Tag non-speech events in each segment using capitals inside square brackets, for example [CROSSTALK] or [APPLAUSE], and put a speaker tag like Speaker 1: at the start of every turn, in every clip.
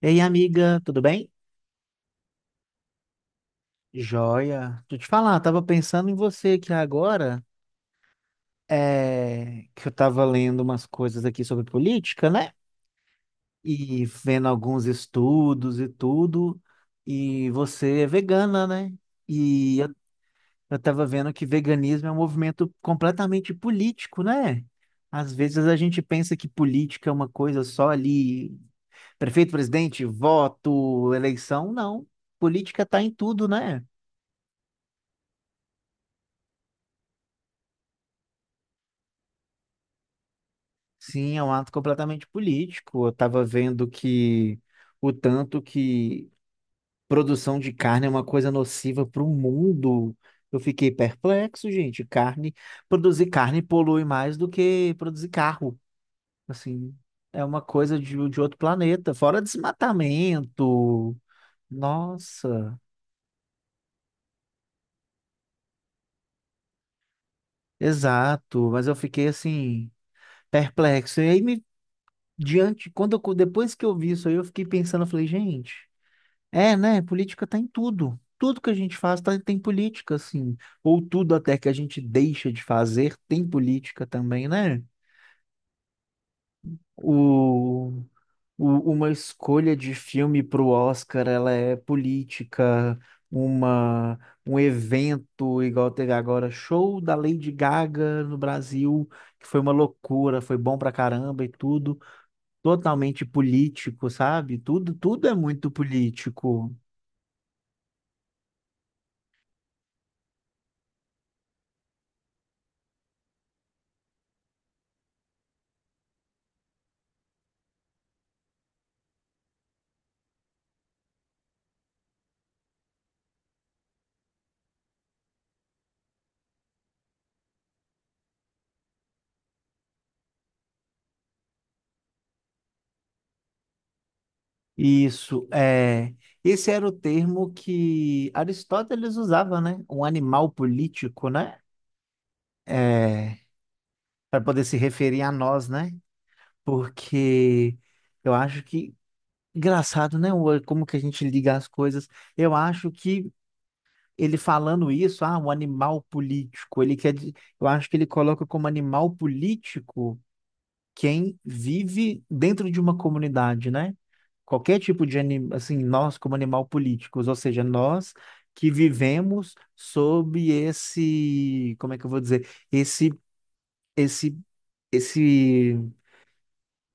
Speaker 1: Ei, amiga, tudo bem? Joia. Deixa eu te falar, tava pensando em você aqui agora, que eu tava lendo umas coisas aqui sobre política, né? E vendo alguns estudos e tudo, e você é vegana, né? E eu, eu tava vendo que veganismo é um movimento completamente político, né? Às vezes a gente pensa que política é uma coisa só ali, prefeito, presidente, voto, eleição, não. Política tá em tudo, né? Sim, é um ato completamente político. Eu estava vendo que o tanto que produção de carne é uma coisa nociva para o mundo. Eu fiquei perplexo, gente. Carne, produzir carne polui mais do que produzir carro. Assim, é uma coisa de outro planeta, fora desmatamento. Nossa, exato. Mas eu fiquei assim, perplexo. E aí me diante, quando eu- depois que eu vi isso aí, eu fiquei pensando, eu falei, gente. É, né? Política tá em tudo. Tudo que a gente faz tá- Tem política, assim. Ou tudo até que a gente deixa de fazer tem política também, né? O, uma escolha de filme para o Oscar, ela é política. Uma, Um evento, igual teve agora, show da Lady Gaga no Brasil, que foi uma loucura, foi bom pra caramba e tudo. Totalmente político, sabe? Tudo, tudo é muito político. Isso, é, esse era o termo que Aristóteles usava, né? Um animal político, né? É, para poder se referir a nós, né? Porque eu acho que, engraçado, né? Como que a gente liga as coisas. Eu acho que ele falando isso, ah, um animal político, eu acho que ele coloca como animal político quem vive dentro de uma comunidade, né? Qualquer tipo de animal, assim, nós como animal políticos, ou seja, nós que vivemos sob esse, como é que eu vou dizer, esse, esse,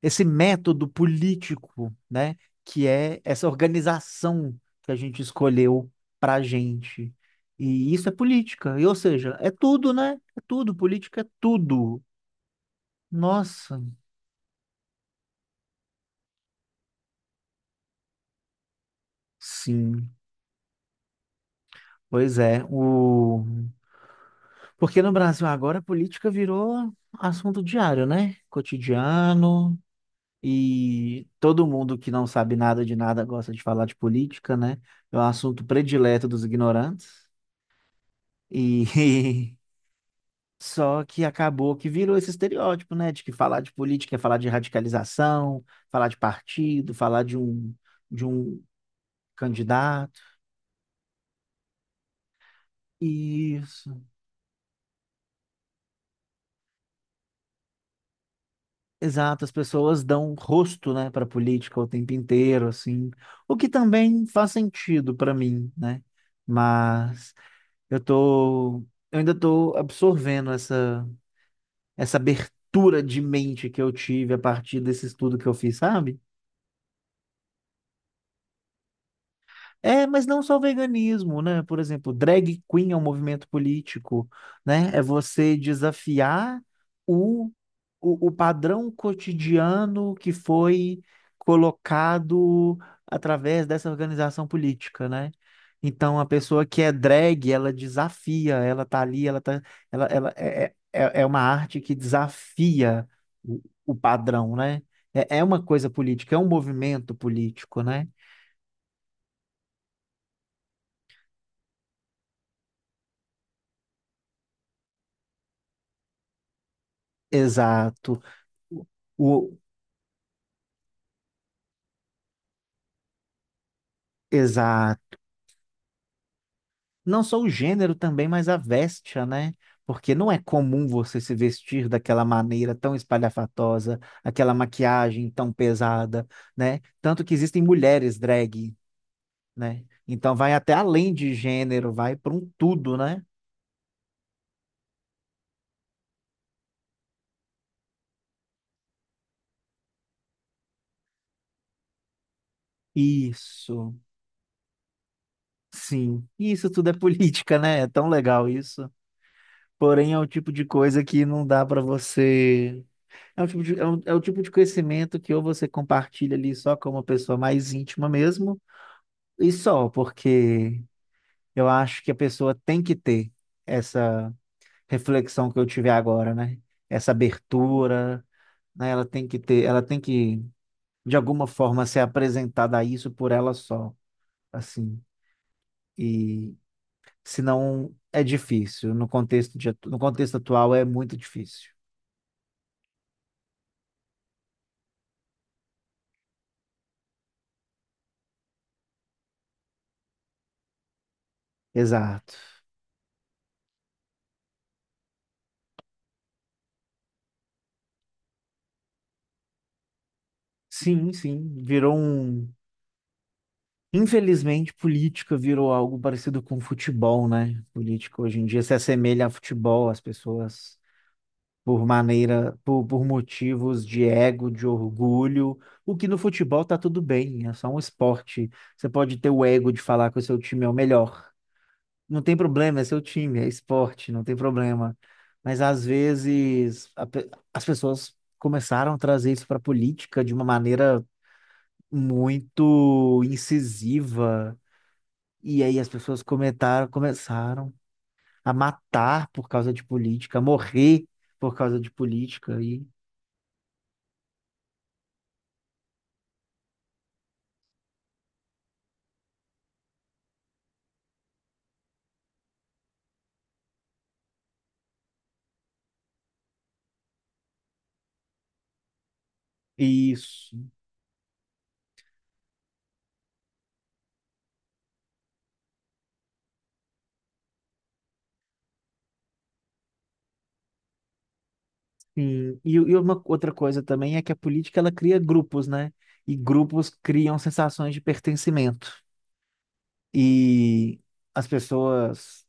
Speaker 1: esse método político, né? Que é essa organização que a gente escolheu para a gente. E isso é política, e, ou seja, é tudo, né? É tudo, política é tudo. Nossa, sim. Pois é, o... Porque no Brasil agora a política virou assunto diário, né? Cotidiano, e todo mundo que não sabe nada de nada gosta de falar de política, né? É um assunto predileto dos ignorantes. E [LAUGHS] só que acabou que virou esse estereótipo, né? De que falar de política é falar de radicalização, falar de partido, de um candidato. E exato, as pessoas dão rosto, né, para política o tempo inteiro, assim, o que também faz sentido para mim, né? Mas eu tô, eu ainda tô absorvendo essa abertura de mente que eu tive a partir desse estudo que eu fiz, sabe? É, mas não só o veganismo, né? Por exemplo, drag queen é um movimento político, né? É você desafiar o, o padrão cotidiano que foi colocado através dessa organização política, né? Então, a pessoa que é drag, ela desafia, ela tá ali, ela tá, ela é, é, é é uma arte que desafia o padrão, né? É, é uma coisa política, é um movimento político, né? Exato. O, o- exato. Não só o gênero também, mas a vestia, né? Porque não é comum você se vestir daquela maneira tão espalhafatosa, aquela maquiagem tão pesada, né? Tanto que existem mulheres drag, né? Então vai até além de gênero, vai para um tudo, né? Isso, sim. Isso tudo é política, né? É tão legal isso. Porém, é o tipo de coisa que não dá para você é um tipo é o tipo de conhecimento que ou você compartilha ali só com uma pessoa mais íntima mesmo, e só, porque eu acho que a pessoa tem que ter essa reflexão que eu tive agora, né? Essa abertura, né? Ela tem que ter, ela tem que, de alguma forma, ser apresentada a isso por ela só, assim. E senão é difícil. No contexto atual é muito difícil. Exato. Sim, sim. Virou um. Infelizmente, política virou algo parecido com futebol, né? Política hoje em dia se assemelha a futebol, as pessoas, por motivos de ego, de orgulho, o que no futebol tá tudo bem, é só um esporte. Você pode ter o ego de falar que o seu time é o melhor. Não tem problema, é seu time, é esporte, não tem problema. Mas às vezes a pe- as pessoas começaram a trazer isso para a política de uma maneira muito incisiva e aí começaram a matar por causa de política, a morrer por causa de política. E isso. Sim. E uma outra coisa também é que a política ela cria grupos, né? E grupos criam sensações de pertencimento. E as pessoas,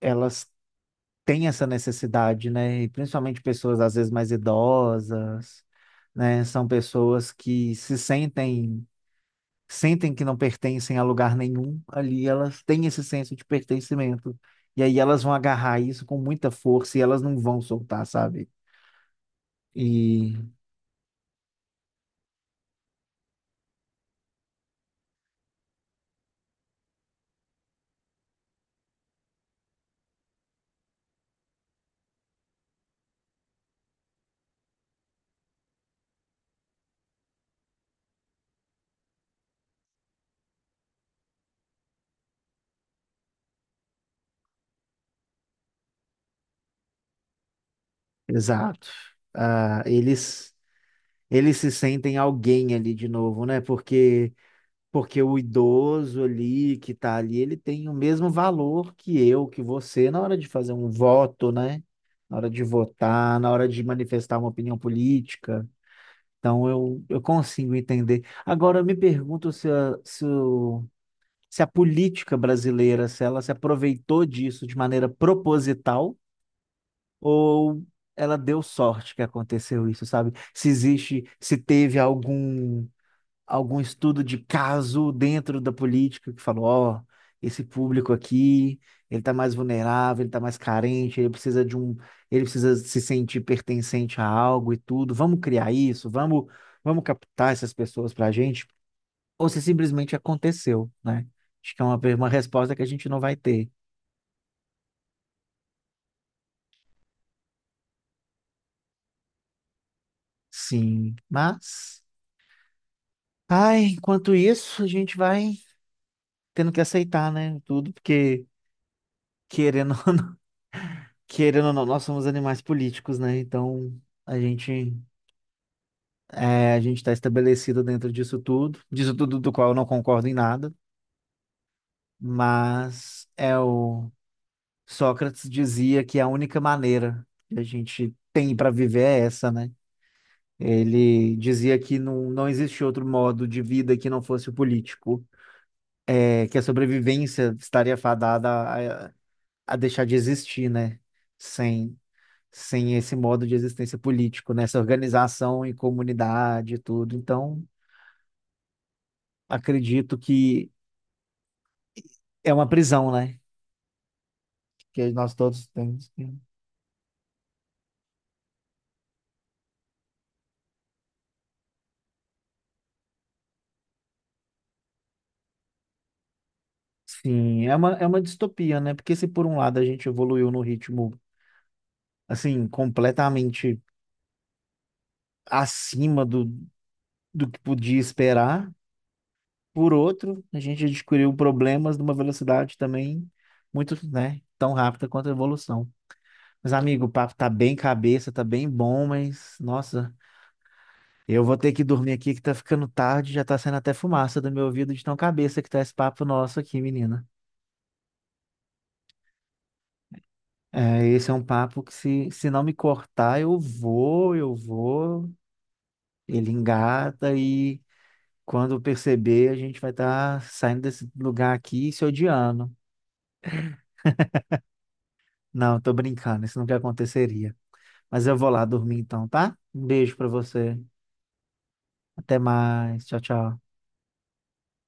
Speaker 1: elas têm essa necessidade, né? E principalmente pessoas às vezes mais idosas, né? São pessoas que se sentem sentem que não pertencem a lugar nenhum ali, elas têm esse senso de pertencimento. E aí elas vão agarrar isso com muita força e elas não vão soltar, sabe? E exato. Ah, eles se sentem alguém ali de novo, né? Porque o idoso ali que tá ali, ele tem o mesmo valor que eu, que você na hora de fazer um voto, né? Na hora de votar, na hora de manifestar uma opinião política. Então eu consigo entender. Agora eu me pergunto se a política brasileira, se ela se aproveitou disso de maneira proposital ou ela deu sorte que aconteceu isso, sabe? Se existe, se teve algum estudo de caso dentro da política que falou, ó, esse público aqui, ele tá mais vulnerável, ele tá mais carente, ele precisa se sentir pertencente a algo e tudo. Vamos criar isso, vamos captar essas pessoas pra gente. Ou se simplesmente aconteceu, né? Acho que é uma resposta que a gente não vai ter. Sim, mas, ai, enquanto isso, a gente vai tendo que aceitar, né? Tudo, porque querendo querendo ou não, nós somos animais políticos, né? Então a gente é, a gente está estabelecido dentro disso tudo do qual eu não concordo em nada, mas é o Sócrates dizia que a única maneira que a gente tem para viver é essa, né? Ele dizia que não existe outro modo de vida que não fosse o político, é, que a sobrevivência estaria fadada a, a deixar de existir, né? Sem sem esse modo de existência político, né? Essa organização em comunidade e tudo. Então, acredito que é uma prisão, né? Que nós todos temos. Sim, é é uma distopia, né? Porque se por um lado a gente evoluiu no ritmo, assim, completamente acima do que podia esperar, por outro, a gente descobriu problemas numa velocidade também muito, né, tão rápida quanto a evolução. Mas, amigo, o papo tá bem cabeça, tá bem bom, mas, nossa, eu vou ter que dormir aqui que tá ficando tarde, já tá saindo até fumaça do meu ouvido de tão cabeça que tá esse papo nosso aqui, menina. É, esse é um papo que se não me cortar, eu vou, ele engata e quando perceber, a gente vai estar saindo desse lugar aqui e se odiando. Não, tô brincando, isso nunca aconteceria. Mas eu vou lá dormir então, tá? Um beijo pra você. Até mais. Tchau, tchau.